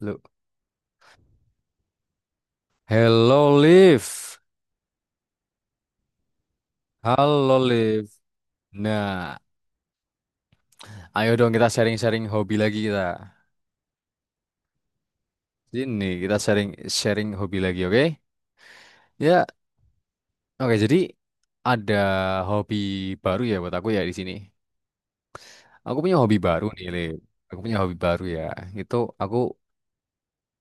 Lu. Hello Liv. Halo Liv. Nah, ayo dong kita sharing-sharing hobi lagi kita. Sini kita sharing-sharing hobi lagi, oke? Ya, oke. Jadi ada hobi baru ya buat aku ya di sini. Aku punya hobi baru nih, Liv. Aku punya hobi baru ya. Itu aku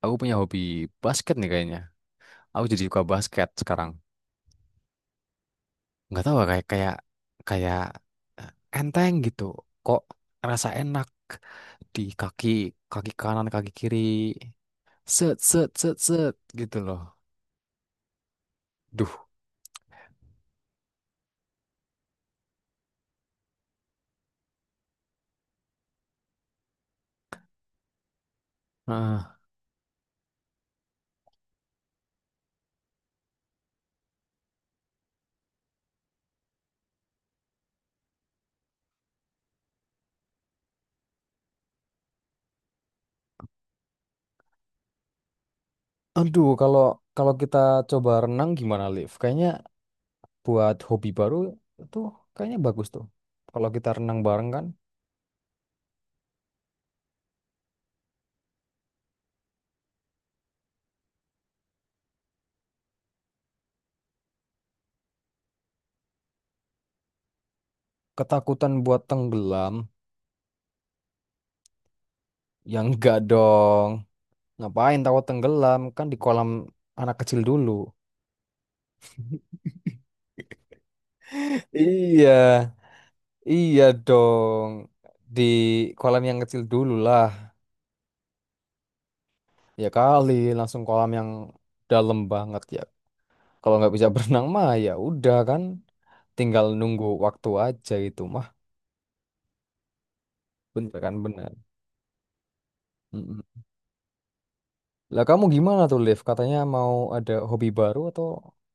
aku punya hobi basket nih kayaknya. Aku jadi suka basket sekarang. Nggak tahu, kayak kayak kayak eh, enteng gitu, kok rasa enak di kaki kaki kanan kaki kiri, set set set set gitu loh. Duh. Ah. Aduh, kalau kalau kita coba renang gimana, Liv? Kayaknya buat hobi baru itu kayaknya bagus tuh. Kalau kita renang bareng kan, ketakutan buat tenggelam, yang enggak dong. Ngapain takut tenggelam? Kan di kolam anak kecil dulu. Iya. Iya dong, di kolam yang kecil dulu lah. Ya kali, langsung kolam yang dalam banget ya. Kalau nggak bisa berenang mah ya udah kan, tinggal nunggu waktu aja itu mah. Bener kan bener. Mm-mm. Lah kamu gimana tuh, Liv? Katanya mau ada hobi baru atau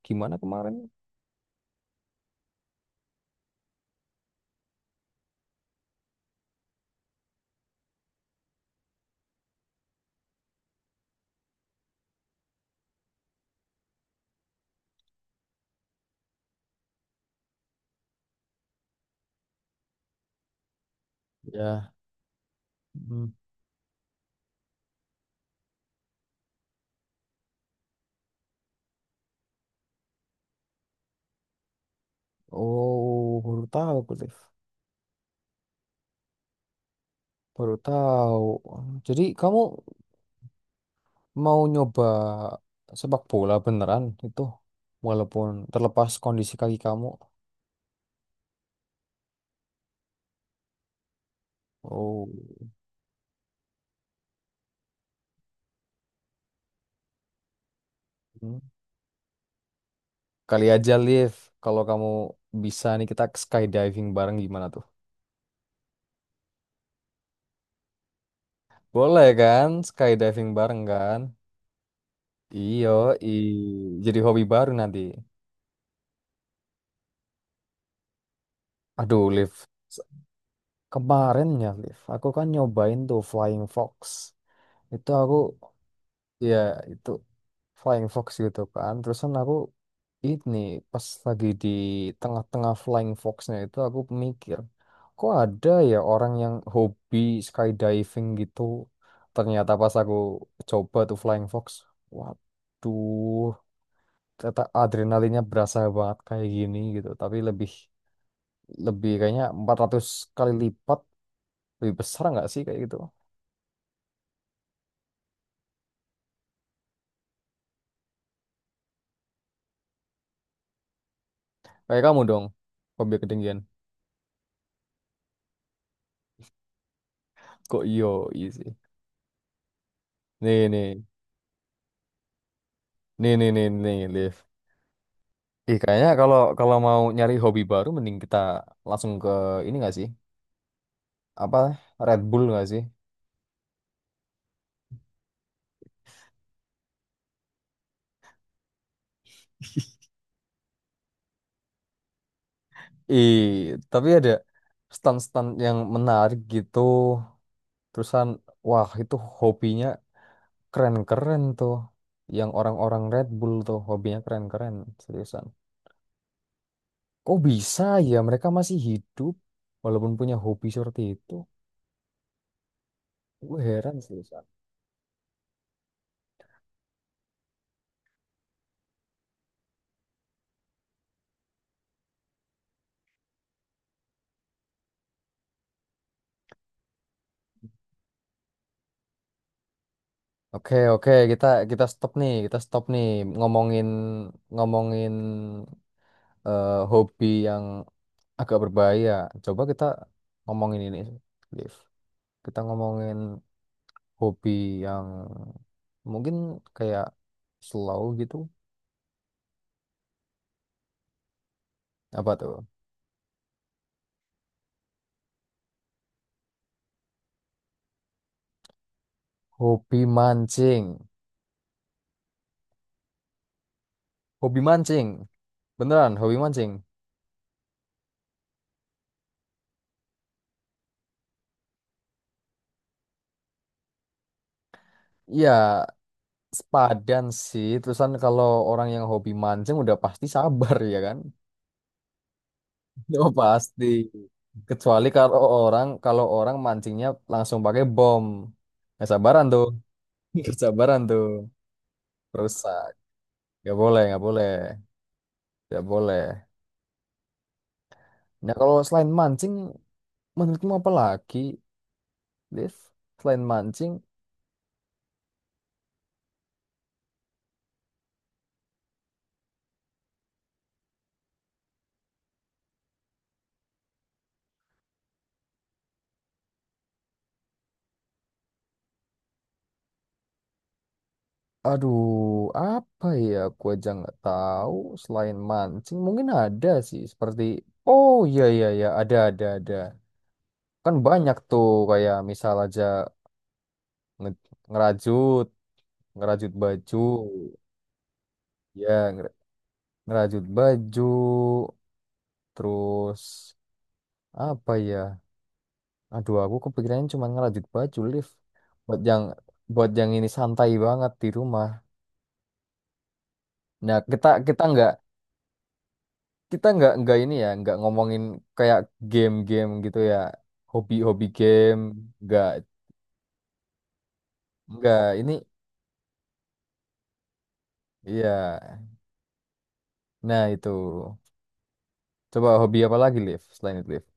gimana kemarin? Ya. Mm. Oh, baru tahu aku, Liv. Baru tahu. Jadi kamu mau nyoba sepak bola beneran itu walaupun terlepas kondisi kaki kamu? Oh. Hmm. Kali aja Liv, kalau kamu bisa nih kita skydiving bareng gimana tuh? Boleh kan skydiving bareng kan. Iyo. i jadi hobi baru nanti. Aduh Liv, se- kemarin ya Liv, aku kan nyobain tuh Flying Fox. Itu aku, ya itu Flying Fox gitu kan. Terusan aku ini pas lagi di tengah-tengah Flying Foxnya itu aku mikir, kok ada ya orang yang hobi skydiving gitu. Ternyata pas aku coba tuh Flying Fox, waduh, ternyata adrenalinnya berasa banget kayak gini gitu. Tapi lebih lebih kayaknya 400 kali lipat lebih besar nggak sih kayak gitu? Kayak kamu dong, hobi ketinggian. Kok yo sih. Nih nih. Nih nih nih nih, Liv. Ih, kayaknya kalau kalau mau nyari hobi baru mending kita langsung ke ini nggak sih? Apa Red Bull nggak sih? Ih, tapi ada stan-stan yang menarik gitu. Terusan wah, itu hobinya keren-keren tuh. Yang orang-orang Red Bull tuh hobinya keren-keren seriusan. Kok bisa ya mereka masih hidup walaupun punya hobi seperti itu? Gue heran seriusan. Oke, oke, kita kita stop nih ngomongin ngomongin eh, hobi yang agak berbahaya. Coba kita ngomongin ini, Liv. Kita ngomongin hobi yang mungkin kayak slow gitu. Apa tuh? Hobi mancing. Hobi mancing. Beneran, hobi mancing. Iya, sepadan sih. Terusan kalau orang yang hobi mancing udah pasti sabar ya kan? Oh pasti. Kecuali kalau orang mancingnya langsung pakai bom. Nggak sabaran tuh. Nggak sabaran tuh. Rusak. Nggak boleh, nggak boleh. Nggak boleh. Nah, kalau selain mancing, menurutmu apa lagi, Liv? Selain mancing, aduh, apa ya? Aku aja nggak tahu. Selain mancing, mungkin ada sih. Seperti, oh iya iya iya, ada ada. Kan banyak tuh kayak misal aja nge- ngerajut, ngerajut baju, ya ngerajut baju, terus apa ya? Aduh, aku kepikirannya cuma ngerajut baju lift. Buat yang buat yang ini santai banget di rumah. Nah, kita kita nggak ini ya, nggak ngomongin kayak game-game gitu ya, hobi-hobi game, nggak nggak ini iya. Nah, itu. Coba hobi apa lagi lift selain itu lift?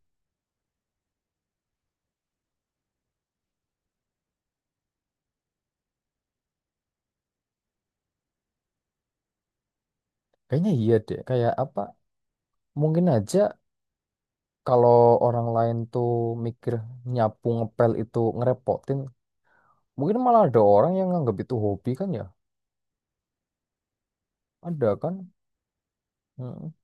Kayaknya iya deh, kayak apa? Mungkin aja kalau orang lain tuh mikir nyapu ngepel itu ngerepotin, mungkin malah ada orang yang nganggap itu hobi kan ya? Ada kan? Hmm.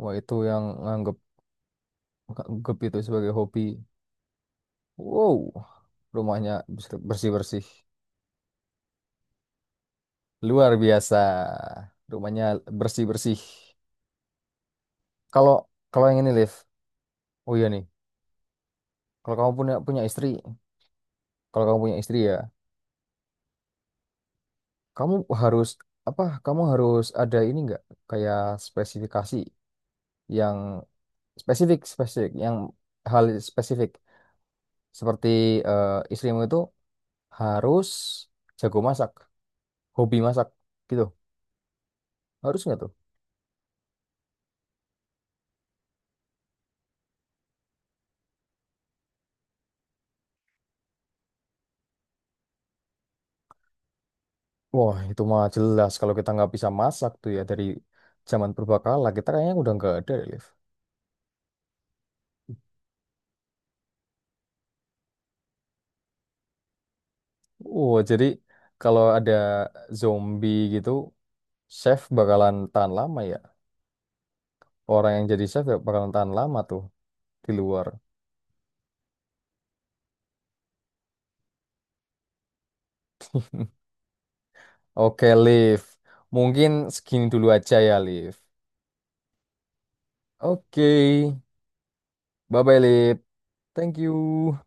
Wah, itu yang nganggep nganggep itu sebagai hobi. Wow, rumahnya bersih-bersih. Luar biasa. Rumahnya bersih-bersih. Kalau kalau yang ini Liv. Oh iya nih. Kalau kamu punya punya istri, kalau kamu punya istri ya, kamu harus apa? Kamu harus ada ini nggak? Kayak spesifikasi yang spesifik spesifik yang hal spesifik seperti istrimu itu harus jago masak, hobi masak gitu. Harus nggak tuh? Wah, itu mah jelas kalau kita nggak bisa masak tuh ya dari zaman purbakala kita kayaknya udah nggak ada, Liv. Oh, jadi kalau ada zombie gitu, chef bakalan tahan lama ya. Orang yang jadi chef ya bakalan tahan lama tuh di luar. Oke, Liv. Mungkin segini dulu aja ya, Liv. Oke. Bye-bye, Liv. Thank you.